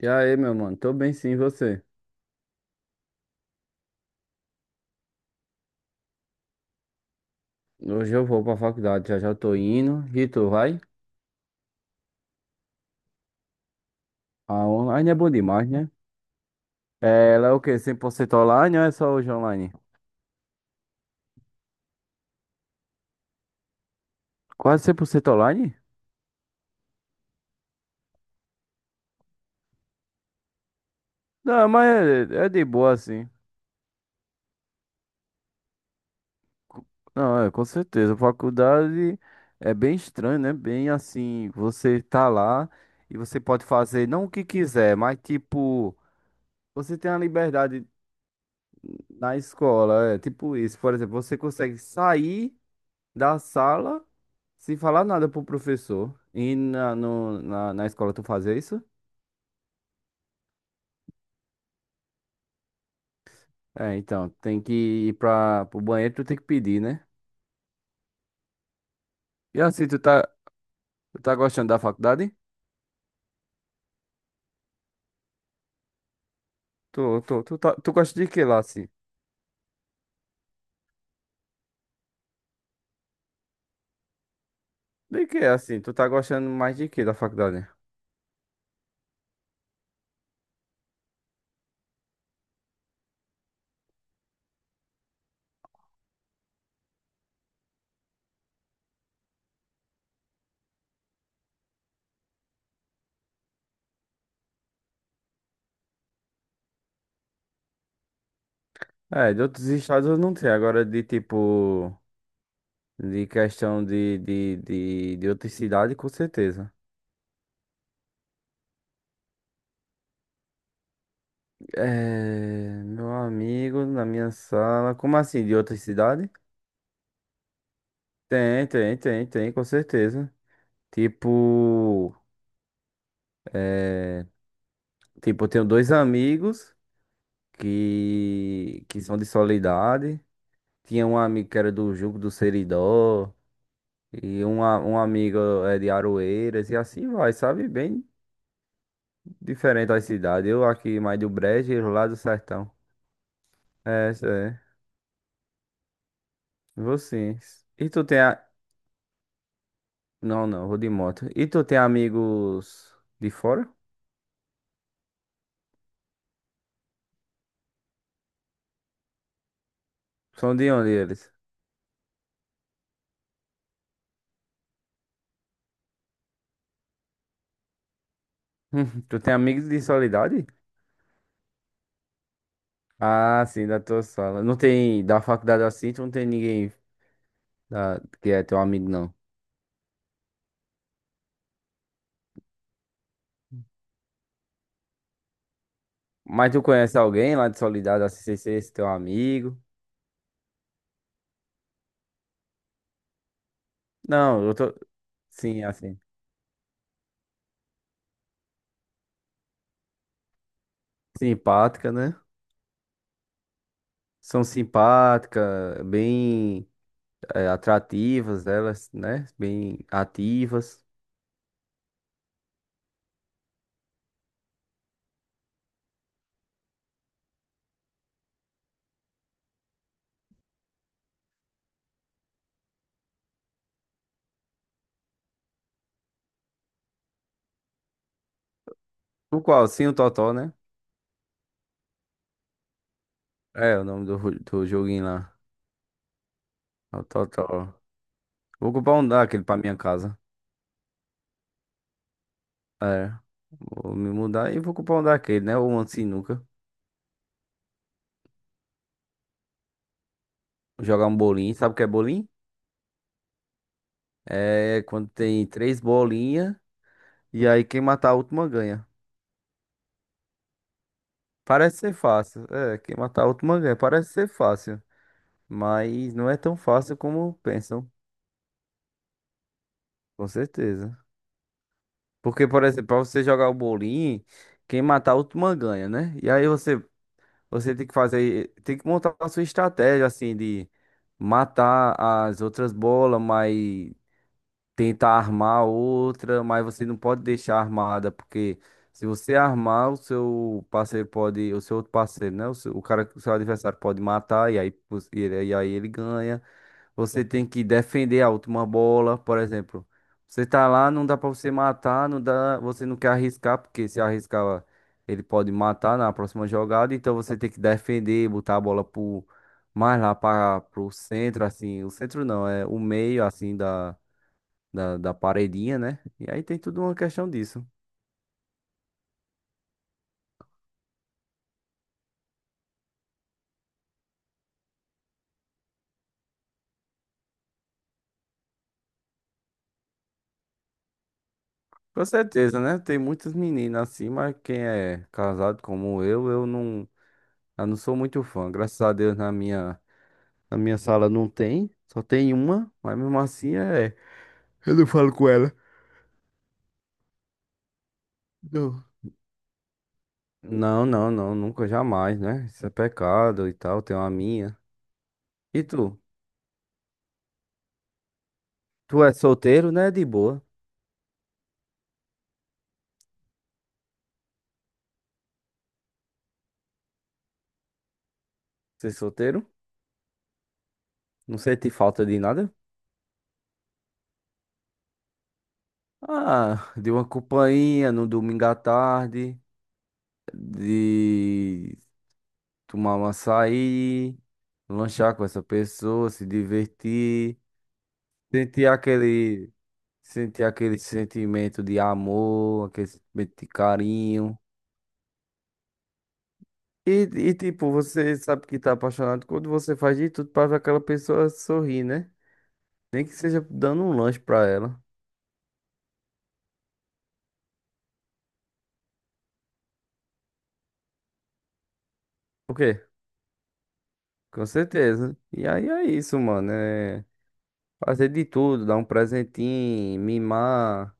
E aí, meu mano? Tô bem sim, e você? Hoje eu vou pra faculdade, já já tô indo. E tu, vai? A online é bom demais, né? É, ela é o quê? 100% online ou é só hoje online? Quase 100% online? Não, mas é de boa assim. Não, é, com certeza. Faculdade é bem estranho, né? Bem assim, você tá lá e você pode fazer não o que quiser, mas tipo, você tem a liberdade na escola, é tipo isso. Por exemplo, você consegue sair da sala sem falar nada pro professor. E na, no- na, na escola tu fazer isso? É, então, tem que ir pro banheiro, tu tem que pedir, né? E assim, tu tá gostando da faculdade? Tu gosta de que lá, assim? De que, assim? Tu tá gostando mais de que da faculdade? É, de outros estados eu não sei. Agora, de tipo, de questão de outra cidade, com certeza. É, meu amigo, na minha sala. Como assim, de outra cidade? Tem, com certeza. Tipo, é, tipo, eu tenho dois amigos que são de Soledade. Tinha um amigo que era do Jugo do Seridó. E um amigo é de Aroeiras. E assim vai, sabe? Bem diferente da cidade. Eu aqui mais do Brejo e eles lá do Sertão. É, isso é. Vou sim. E tu tem a. Não, não, vou de moto. E tu tem amigos de fora? São de onde eles? Tu tem amigos de Soledade? Ah, sim, da tua sala. Não tem, da faculdade assim, tu não tem ninguém que é teu amigo, não. Mas tu conhece alguém lá de Soledade, assim, sem ser esse teu amigo? Não, eu tô, sim, assim, simpática, né? São simpáticas, bem é, atrativas elas, né? Bem ativas. No qual? Sim, o Totó, né? É, o nome do joguinho lá. É o Totó. Vou comprar um daquele pra minha casa. É. Vou me mudar e vou comprar um daquele, né? Ou um sinuca. Jogar um bolinho. Sabe o que é bolinho? É quando tem três bolinhas e aí quem matar a última ganha. Parece ser fácil. É, quem matar a última ganha. Parece ser fácil. Mas não é tão fácil como pensam, com certeza. Porque, por exemplo, pra você jogar o bolinho, quem matar a última ganha, né? E aí você tem que fazer, tem que montar a sua estratégia, assim, de matar as outras bolas, mas tenta armar outra, mas você não pode deixar armada, porque se você armar, o seu parceiro pode, o seu outro parceiro, né? O seu, o cara, o seu adversário pode matar e aí ele ganha. Você tem que defender a última bola, por exemplo. Você tá lá, não dá pra você matar, não dá, você não quer arriscar, porque se arriscar, ele pode matar na próxima jogada, então você tem que defender, botar a bola pro mais lá para pro centro assim, o centro não, é o meio assim da paredinha, né? E aí tem tudo uma questão disso. Com certeza, né? Tem muitas meninas assim, mas quem é casado como eu, eu não sou muito fã. Graças a Deus na minha sala não tem, só tem uma, mas mesmo assim é. Eu não falo com ela. Não. Não, não, não, nunca jamais, né? Isso é pecado e tal, tem uma minha. E tu? Tu é solteiro, né? De boa. Você é solteiro? Não sente falta de nada? Ah, de uma companhia no domingo à tarde. De tomar um açaí, lanchar com essa pessoa, se divertir, sentir aquele, sentir aquele sentimento de amor, aquele sentimento de carinho. E, e tipo, você sabe que tá apaixonado quando você faz de tudo pra ver aquela pessoa sorrir, né? Nem que seja dando um lanche pra ela. O quê? Com certeza. E aí é isso, mano. É fazer de tudo, dar um presentinho, mimar.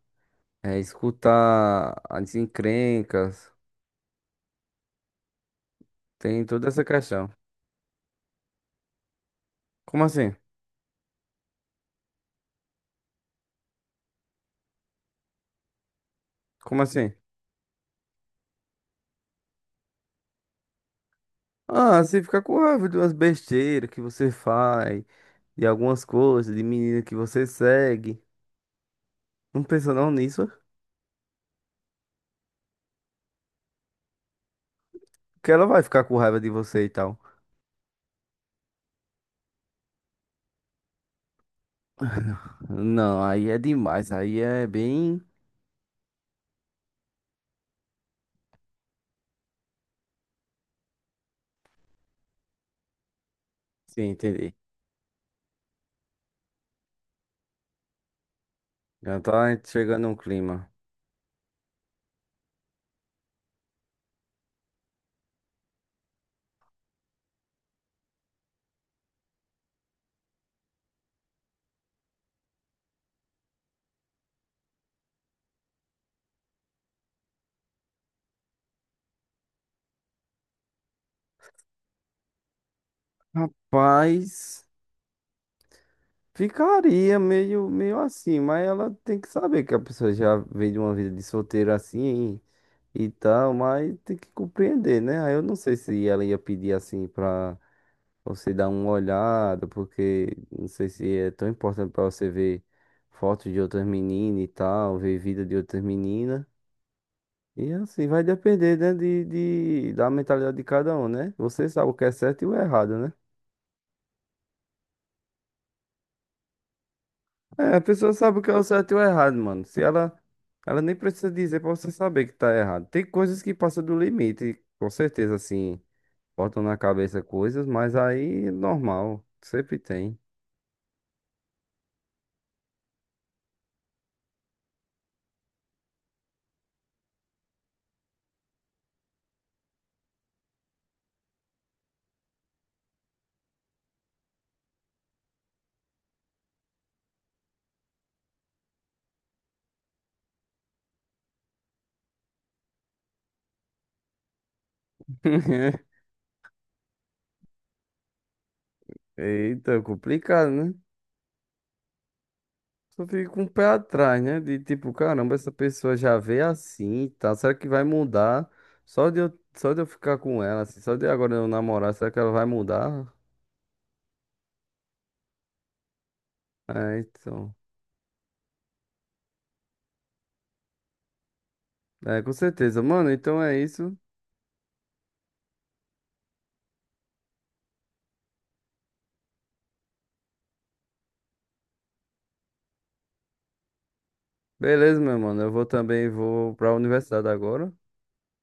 É, escutar as encrencas, tem toda essa questão. Como assim? Como assim? Ah, você fica com raiva de umas besteiras que você faz, de algumas coisas, de menina que você segue. Não pensa não nisso, que ela vai ficar com raiva de você e tal. Não, aí é demais, aí é bem. Sim, entendi. Já tá chegando um clima. Rapaz, ficaria meio, meio assim, mas ela tem que saber que a pessoa já vem de uma vida de solteiro assim, e tal, mas tem que compreender, né? Aí eu não sei se ela ia pedir assim pra você dar uma olhada, porque não sei se é tão importante pra você ver fotos de outras meninas e tal, ver vida de outras meninas. E assim, vai depender, né, da mentalidade de cada um, né? Você sabe o que é certo e o errado, né? É, a pessoa sabe o que é o certo e o errado, mano. Se ela nem precisa dizer pra você saber que tá errado. Tem coisas que passam do limite, com certeza, assim. Botam na cabeça coisas, mas aí é normal, sempre tem. Eita, complicado, né? Só fica com o pé atrás, né? De tipo, caramba, essa pessoa já veio assim e tal. Será que vai mudar? Só de eu ficar com ela, assim, só de agora eu namorar, será que ela vai mudar? É, então. É, com certeza. Mano, então é isso. Beleza, meu mano. Eu vou também, vou pra universidade agora.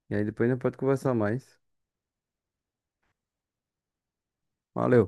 E aí depois a gente pode conversar mais. Valeu.